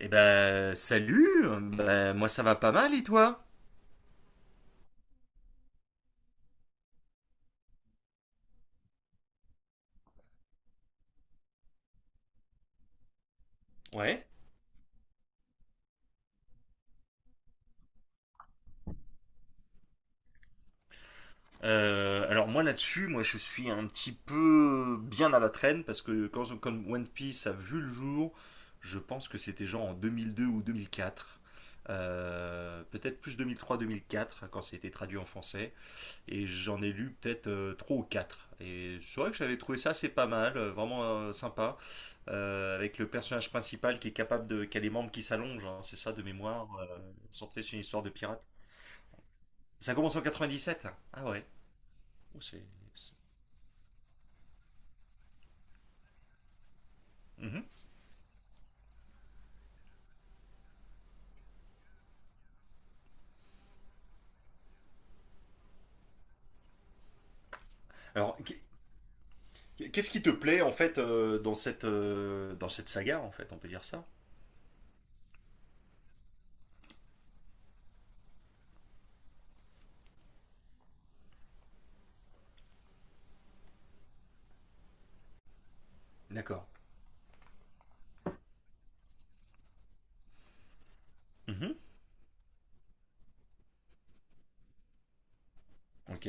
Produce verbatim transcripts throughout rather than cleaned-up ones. Eh ben, salut. Ben, moi, ça va pas mal, et toi? Ouais. Euh, alors moi là-dessus, moi je suis un petit peu bien à la traîne parce que quand, quand One Piece a vu le jour, je pense que c'était genre en deux mille deux ou deux mille quatre. Euh, peut-être plus deux mille trois-deux mille quatre quand ça a été traduit en français. Et j'en ai lu peut-être euh, trois ou quatre. Et c'est vrai que j'avais trouvé ça assez pas mal, euh, vraiment euh, sympa, euh, avec le personnage principal qui est capable de, qui a les membres qui s'allongent, hein, c'est ça de mémoire, euh, centré sur une histoire de pirate. Ça commence en quatre-vingt-dix-sept? Ah ouais. Oh, c'est- c'est- Mhm. Alors, qu'est- qu'est-ce qui te plaît en fait, euh, dans cette, euh, dans cette saga en fait, on peut dire ça? D'accord. Mhm. Ok.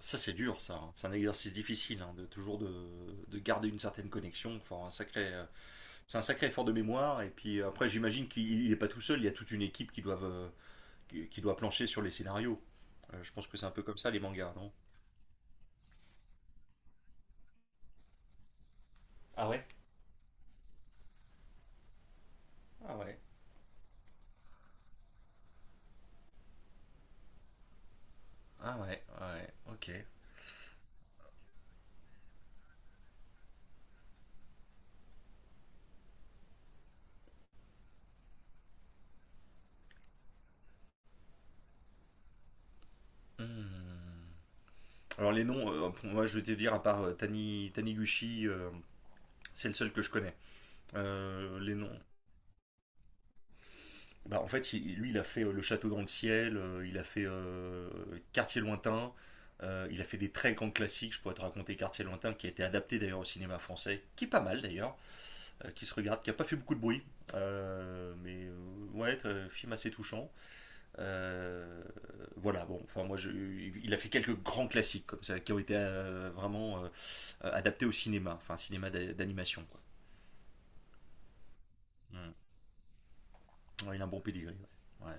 Ça c'est dur ça, hein. C'est un exercice difficile, hein, de toujours de, de, garder une certaine connexion. Enfin, un sacré euh, c'est un sacré effort de mémoire. Et puis euh, après, j'imagine qu'il n'est pas tout seul. Il y a toute une équipe qui doit, qui doit plancher sur les scénarios. Euh, je pense que c'est un peu comme ça les mangas, non? Ah ouais. Ah ouais. Ah ouais, ouais, ok. Hmm. Alors les noms, euh, pour moi je vais te dire, à part euh, Tani, Taniguchi, euh, c'est le seul que je connais. Euh, les noms. Bah, en fait, il- lui, il a fait euh, Le Château dans le Ciel, euh, il a fait euh, Quartier Lointain, euh, il a fait des très grands classiques. Je pourrais te raconter Quartier Lointain, qui a été adapté d'ailleurs au cinéma français, qui est pas mal d'ailleurs, euh, qui se regarde, qui n'a pas fait beaucoup de bruit. Euh, mais euh, ouais, euh, film assez touchant. Euh, voilà, bon, enfin moi, je, il a fait quelques grands classiques comme ça qui ont été euh, vraiment euh, adaptés au cinéma, enfin cinéma d'animation, quoi. Mm. Ouais, il a un bon pedigree. Ouais. Ouais.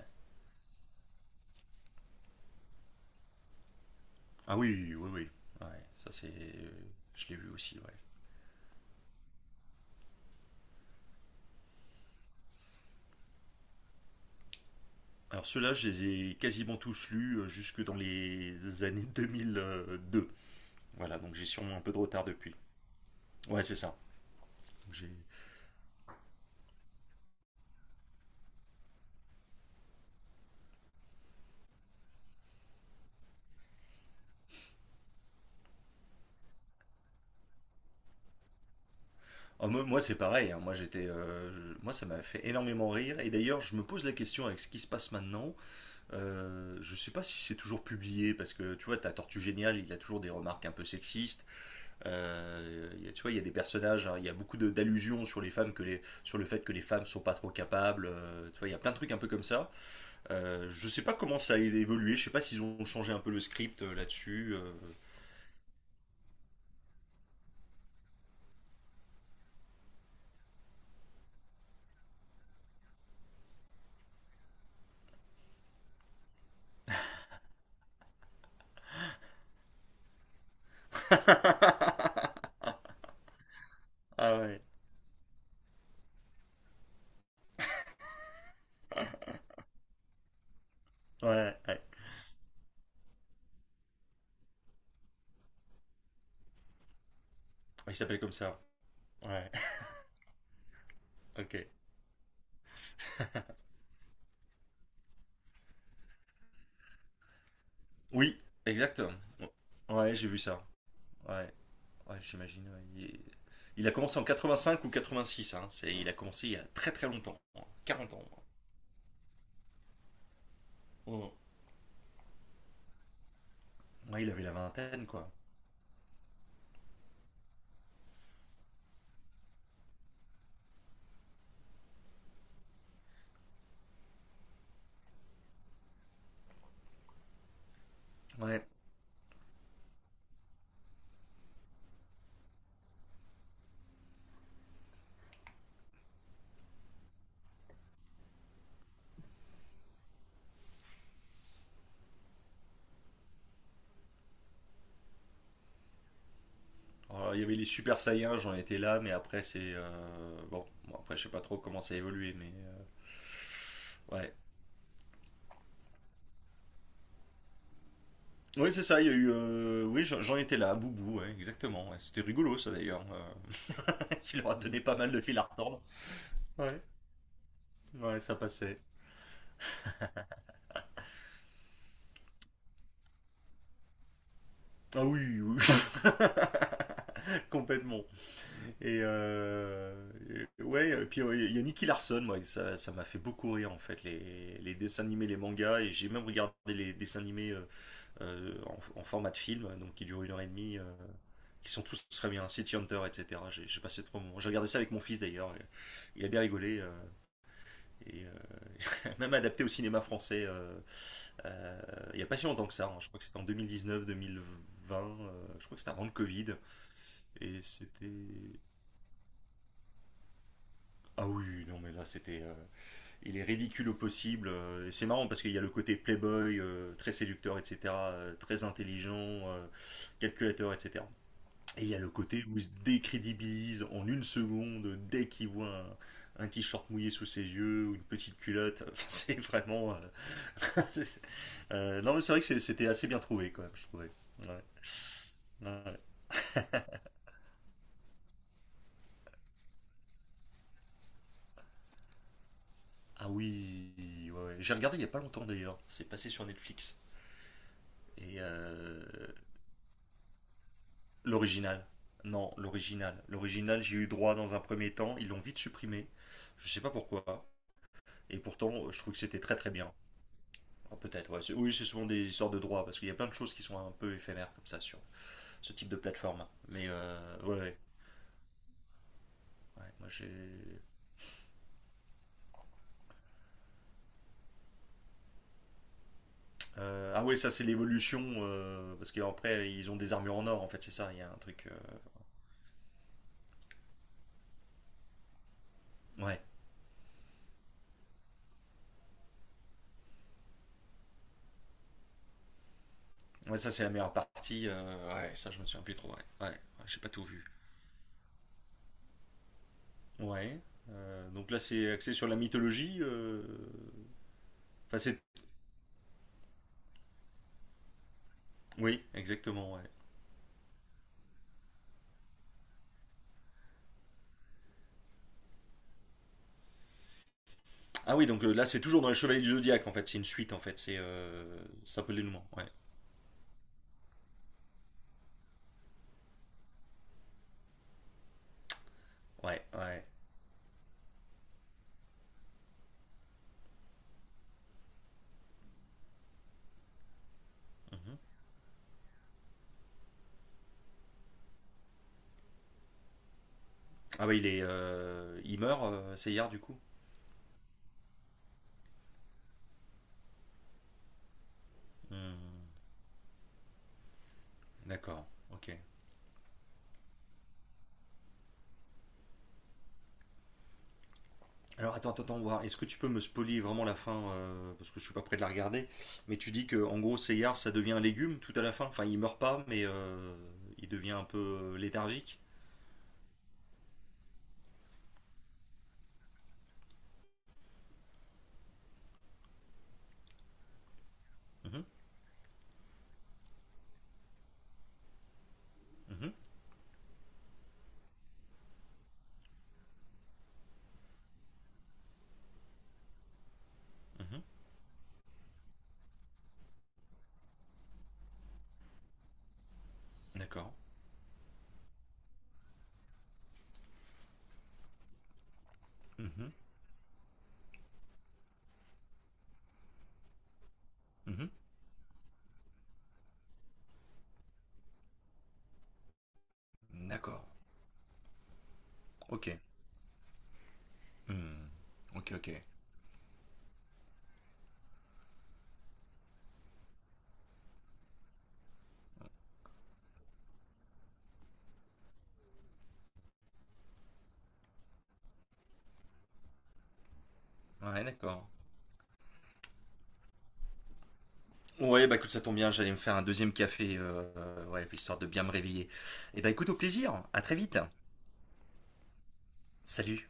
Ah oui, oui, oui. Ouais, ça c'est, euh, je l'ai vu aussi. Ouais. Alors ceux-là, je les ai quasiment tous lus euh, jusque dans les années deux mille deux. Voilà, donc j'ai sûrement un peu de retard depuis. Ouais, c'est ça. J'ai Oh, moi, moi, c'est pareil, hein. Moi, j'étais, euh, je- moi, ça m'a fait énormément rire. Et d'ailleurs, je me pose la question avec ce qui se passe maintenant. Euh, je sais pas si c'est toujours publié parce que tu vois, t'as Tortue Géniale, il a toujours des remarques un peu sexistes. Euh, il y a- tu vois, il y a des personnages, hein, il y a beaucoup de- d'allusions sur les femmes, que les, sur le fait que les femmes sont pas trop capables, euh, tu vois, il y a plein de trucs un peu comme ça. Euh, je sais pas comment ça a évolué. Je sais pas s'ils ont changé un peu le script euh, là-dessus. euh. Ah ouais, ouais, ouais. Il s'appelle comme ça. Ouais. Ok. Oui, exactement. Ouais, j'ai vu ça. Ouais, ouais, j'imagine, ouais. Il, est- il a commencé en quatre-vingt-cinq ou quatre-vingt-six, hein. C'est- Il a commencé il y a très très longtemps, hein. Quarante ans. Moi, il avait la vingtaine, quoi. Ouais. Alors, il y avait les Super Saiyans, j'en étais là, mais après, c'est. Euh, Bon, bon, après, je sais pas trop comment ça a évolué, mais. euh, Ouais. Oui, c'est ça, il y a eu. Euh, Oui, j'en j'en étais là, Boubou, ouais, exactement, ouais. C'était rigolo, ça d'ailleurs. euh, Il leur a donné pas mal de fil à retordre. Ouais, ouais, ça passait. Ah oui, oui, complètement. Et, euh, et- ouais, et puis euh, il y a Nicky Larson, moi, ça, ça m'a fait beaucoup rire en fait, les, les dessins animés, les mangas, et j'ai même regardé les dessins animés, euh, euh, en, en format de film, donc qui durent une heure et demie, euh, qui sont tous très bien, City Hunter, et cetera. J'ai j'ai passé trop moments. J'ai regardé ça avec mon fils d'ailleurs, et il a bien rigolé, euh, et euh, même adapté au cinéma français, euh, euh, il n'y a pas si longtemps que ça, hein. Je crois que c'était en deux mille dix-neuf-deux mille vingt, je crois que c'était avant le Covid, et c'était. Ah oui, oui, non mais là c'était. Euh, il est ridicule au possible. euh, Et c'est marrant parce qu'il y a le côté playboy, euh, très séducteur, et cetera, euh, très intelligent, euh, calculateur, et cetera. Et il y a le côté où il se décrédibilise en une seconde dès qu'il voit un, un t-shirt mouillé sous ses yeux ou une petite culotte. Enfin, c'est vraiment. Euh, c'est- euh, non, mais c'est vrai que c'est- c'était assez bien trouvé, quand même, je trouvais. Ouais, ouais, ouais. Ah oui, ouais, ouais. J'ai regardé il n'y a pas longtemps d'ailleurs. C'est passé sur Netflix. Et euh, L'original. Non, l'original. L'original, j'ai eu droit dans un premier temps. Ils l'ont vite supprimé. Je sais pas pourquoi. Et pourtant, je trouve que c'était très très bien. Ah, peut-être, ouais. C'est- Oui, c'est souvent des histoires de droits parce qu'il y a plein de choses qui sont un peu éphémères comme ça sur ce type de plateforme. Mais euh, ouais, ouais. Ouais, moi j'ai. Euh, ah ouais, ça c'est l'évolution, euh, parce qu'après ils ont des armures en or en fait, c'est ça, il y a un truc. euh, Ouais. Ouais, ça c'est la meilleure partie. Euh, ouais, ça je me souviens plus trop. Ouais, ouais, ouais, j'ai pas tout vu. Ouais. Euh, donc là, c'est axé sur la mythologie. euh, Enfin, c'est. Oui, exactement, ouais. Ah oui, donc euh, là, c'est toujours dans les Chevaliers du Zodiaque, en fait. C'est une suite, en fait. C'est euh... c'est un peu l'élément. Ouais. Ouais, ouais. Mhm. Ah bah, il est. euh, il meurt, euh, Seyard, du coup. Hmm. D'accord. Ok. Alors attends, attends, attends, voir. Est-ce que tu peux me spoiler vraiment la fin, euh, parce que je suis pas prêt de la regarder. Mais tu dis que en gros, Seyard, ça devient un légume tout à la fin. Enfin, il meurt pas, mais euh, il devient un peu euh, léthargique. Mhm, mhm, mhm. D'accord. Mhm, mhm. D'accord. Ok. Hmm. Ok, ok. Ouais, d'accord. Ouais, bah écoute, ça tombe bien, j'allais me faire un deuxième café, euh, ouais, histoire de bien me réveiller. Et bah écoute, au plaisir, à très vite. Salut.